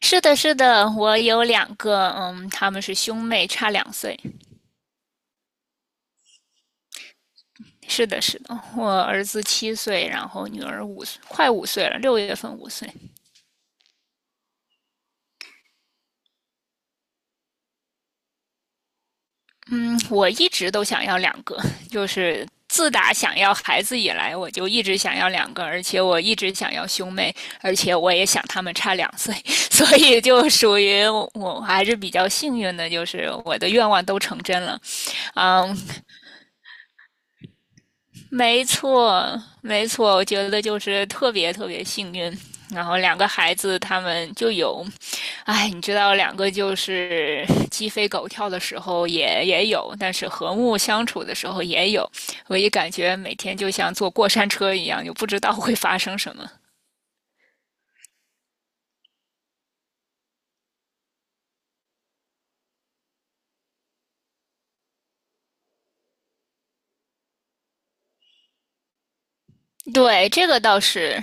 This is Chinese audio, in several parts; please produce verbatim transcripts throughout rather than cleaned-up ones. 是的，是的，我有两个，嗯，他们是兄妹，差两岁。是的，是的，我儿子七岁，然后女儿五岁，快五岁了，六月份五岁。嗯，我一直都想要两个，就是自打想要孩子以来，我就一直想要两个，而且我一直想要兄妹，而且我也想他们差两岁，所以就属于我我还是比较幸运的，就是我的愿望都成真了。嗯，没错，没错，我觉得就是特别特别幸运。然后两个孩子他们就有，哎，你知道，两个就是鸡飞狗跳的时候也也有，但是和睦相处的时候也有。我也感觉每天就像坐过山车一样，就不知道会发生什么。对，这个倒是，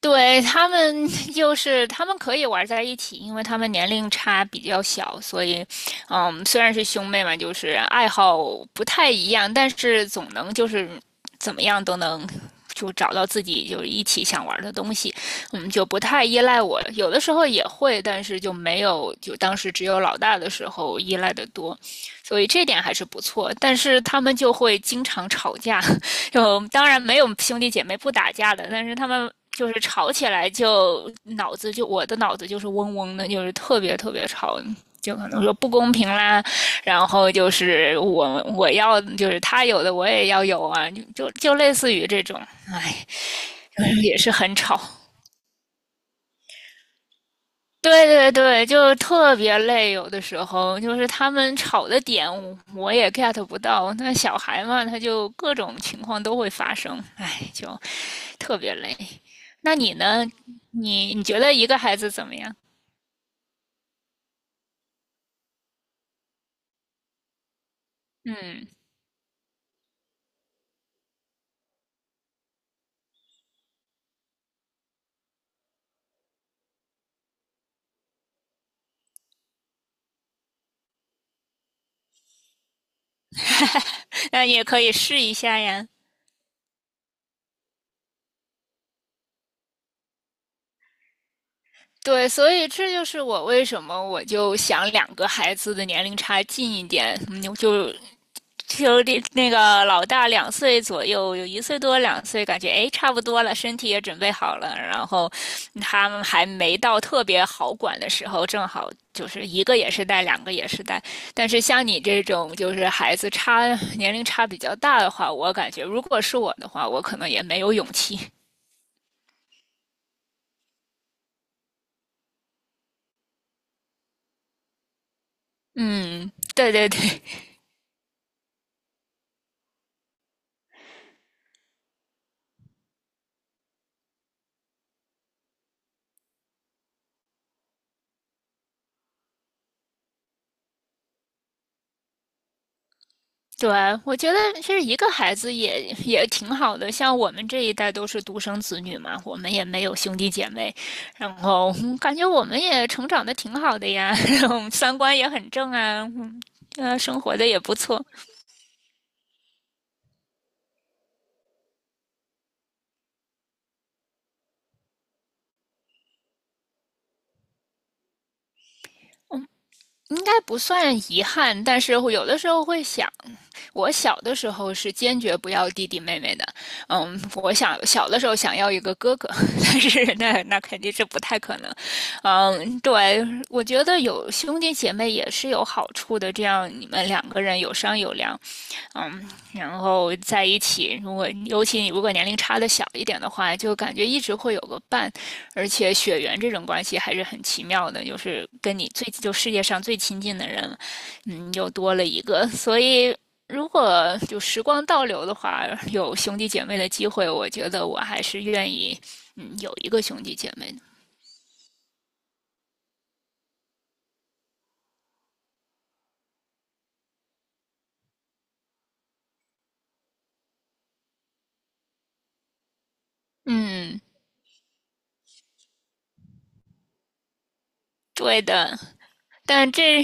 对，他们 就是他们可以玩在一起，因为他们年龄差比较小，所以，嗯，虽然是兄妹嘛，就是爱好不太一样，但是总能就是怎么样都能就找到自己就是一起想玩的东西，嗯，就不太依赖我，有的时候也会，但是就没有就当时只有老大的时候依赖的多，所以这点还是不错，但是他们就会经常吵架。就当然没有兄弟姐妹不打架的，但是他们就是吵起来就脑子就我的脑子就是嗡嗡的，就是特别特别吵，就可能说不公平啦，然后就是我我要就是他有的我也要有啊，就就就类似于这种，哎，也是很吵。对对对，就特别累，有的时候就是他们吵的点我也 get 不到，那小孩嘛，他就各种情况都会发生，哎，就特别累。那你呢？你你觉得一个孩子怎么样？嗯，那也可以试一下呀。对，所以这就是我为什么我就想两个孩子的年龄差近一点，嗯就就那那个老大两岁左右，有一岁多两岁，感觉哎差不多了，身体也准备好了，然后他们还没到特别好管的时候，正好就是一个也是带，两个也是带。但是像你这种就是孩子差年龄差比较大的话，我感觉如果是我的话，我可能也没有勇气。嗯，对对对对啊，我觉得其实一个孩子也也挺好的。像我们这一代都是独生子女嘛，我们也没有兄弟姐妹，然后嗯感觉我们也成长的挺好的呀，然后三观也很正啊，嗯，呃，生活的也不错。应该不算遗憾，但是会有的时候会想，我小的时候是坚决不要弟弟妹妹的。嗯，我想小的时候想要一个哥哥，但是那那肯定是不太可能。嗯，对，我觉得有兄弟姐妹也是有好处的，这样你们两个人有商有量，嗯，然后在一起，如果尤其你如果年龄差的小一点的话，就感觉一直会有个伴，而且血缘这种关系还是很奇妙的，就是跟你最就世界上最亲近的人，嗯，又多了一个。所以如果就时光倒流的话，有兄弟姐妹的机会，我觉得我还是愿意，嗯，有一个兄弟姐妹的。嗯，对的，但这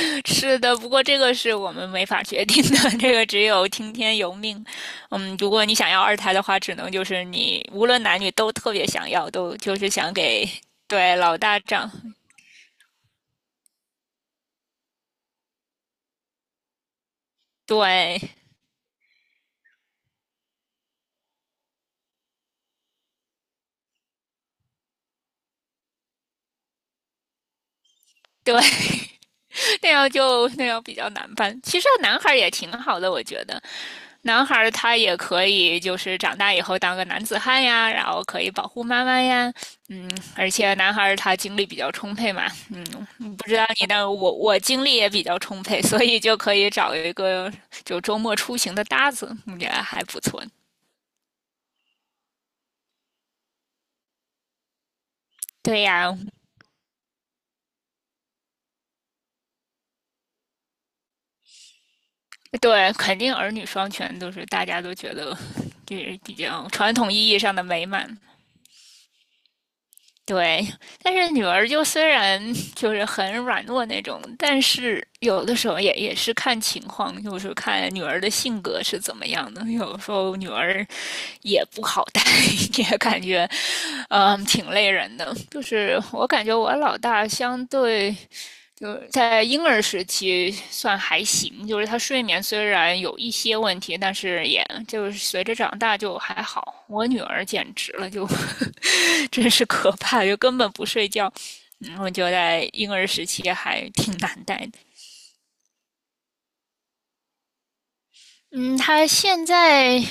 是的，不过这个是我们没法决定的，这个只有听天由命。嗯，如果你想要二胎的话，只能就是你无论男女都特别想要，都就是想给对老大长，对对。那样就那样比较难办。其实男孩儿也挺好的，我觉得，男孩儿他也可以就是长大以后当个男子汉呀，然后可以保护妈妈呀，嗯，而且男孩儿他精力比较充沛嘛，嗯，不知道你那我我精力也比较充沛，所以就可以找一个就周末出行的搭子，我觉得还不错。对呀，对，肯定儿女双全都是大家都觉得就是比较传统意义上的美满。对，但是女儿就虽然 就是很软弱那种，但是有的时候也也是看情况，就是看女儿的性格是怎么样的。有时候女儿也不好带，也感觉，嗯，挺累人的。就是我感觉我老大相对就是在婴儿时期算还行，就是他睡眠虽然有一些问题，但是也就是随着长大就还好。我女儿简直了，就 真是可怕，就根本不睡觉。嗯，我觉得在婴儿时期还挺难带的。嗯，他现在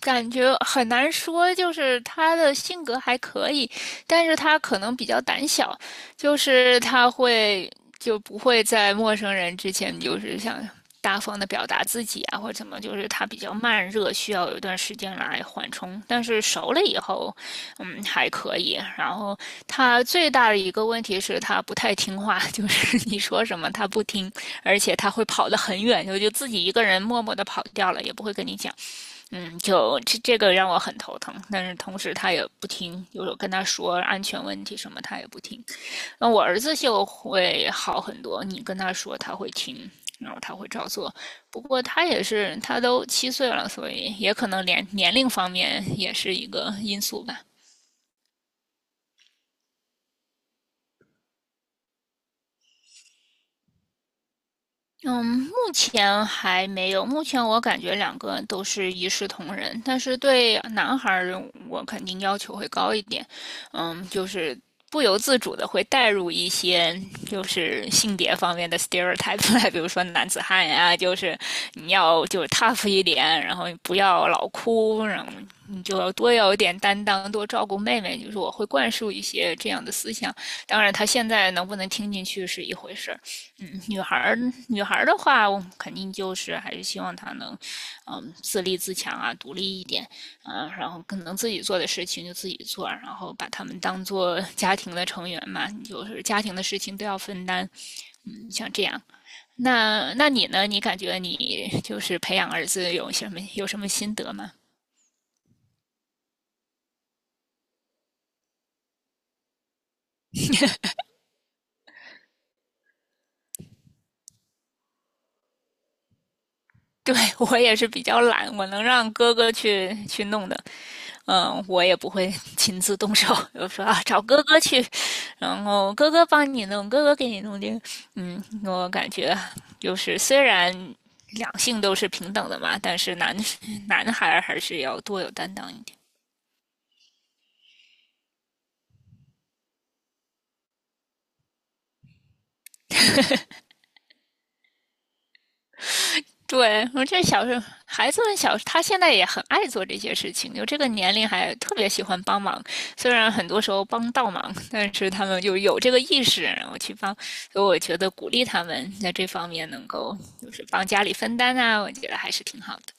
感觉很难说，就是他的性格还可以，但是他可能比较胆小，就是他会就不会在陌生人之前就是想大方的表达自己啊，或者怎么，就是他比较慢热，需要有一段时间来缓冲。但是熟了以后，嗯，还可以。然后他最大的一个问题是他不太听话，就是你说什么他不听，而且他会跑得很远，就就自己一个人默默的跑掉了，也不会跟你讲。嗯，就这这个让我很头疼，但是同时他也不听，有时候跟他说安全问题什么，他也不听。那我儿子就会好很多，你跟他说他会听，然后他会照做。不过他也是，他都七岁了，所以也可能年年龄方面也是一个因素吧。嗯，目前还没有。目前我感觉两个都是一视同仁，但是对男孩儿我肯定要求会高一点。嗯，就是不由自主的会带入一些就是性别方面的 stereotype 来，比如说男子汉呀，就是你要就是 tough 一点，然后不要老哭，然后你就要多有一点担当，多照顾妹妹。就是我会灌输一些这样的思想。当然，他现在能不能听进去是一回事儿。嗯，女孩儿，女孩儿的话，我肯定就是还是希望她能，嗯，自立自强啊，独立一点，啊，然后可能自己做的事情就自己做，然后把他们当做 家庭的成员嘛，就是家庭的事情都要分担，嗯，像这样。那那你呢？你感觉你就是培养儿子有什么有什么心得吗？对，我也是比较懒，我能让哥哥去去弄的。嗯，我也不会 亲自动手，就说啊找哥哥去，然后哥哥帮你弄，哥哥给你弄定。嗯，我感觉就是虽然两性都是平等的嘛，但是男 男孩还是要多有担当一点。对，我这小时候孩子们小，他现在也很爱做这些事情，就这个年龄还特别喜欢帮忙。虽然很多时候帮倒忙，但是他们就有这个意识，然后去帮。所以我觉得鼓励他们在这方面能够就是帮家里分担啊，我觉得还是挺好的。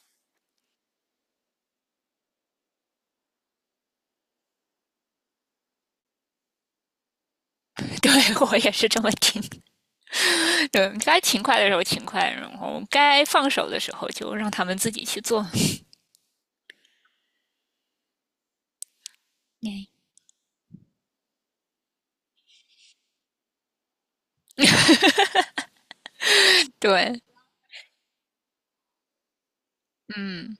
对我也是这么听。对，该勤快的时候勤快，然后该放手的时候就让他们自己去做。对，嗯。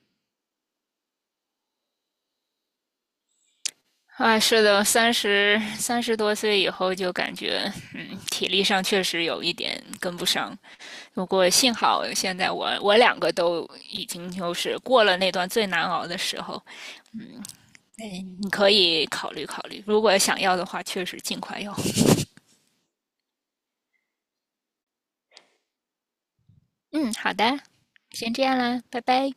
啊，是的，三十三十多岁以后就感觉，嗯，体力上确实有一点跟不上。不过幸好现在我我两个都已经就是过了那段最难熬的时候。嗯，你可以考虑考虑，如果想要的话，确实尽快要。嗯，好的，先这样啦，拜拜。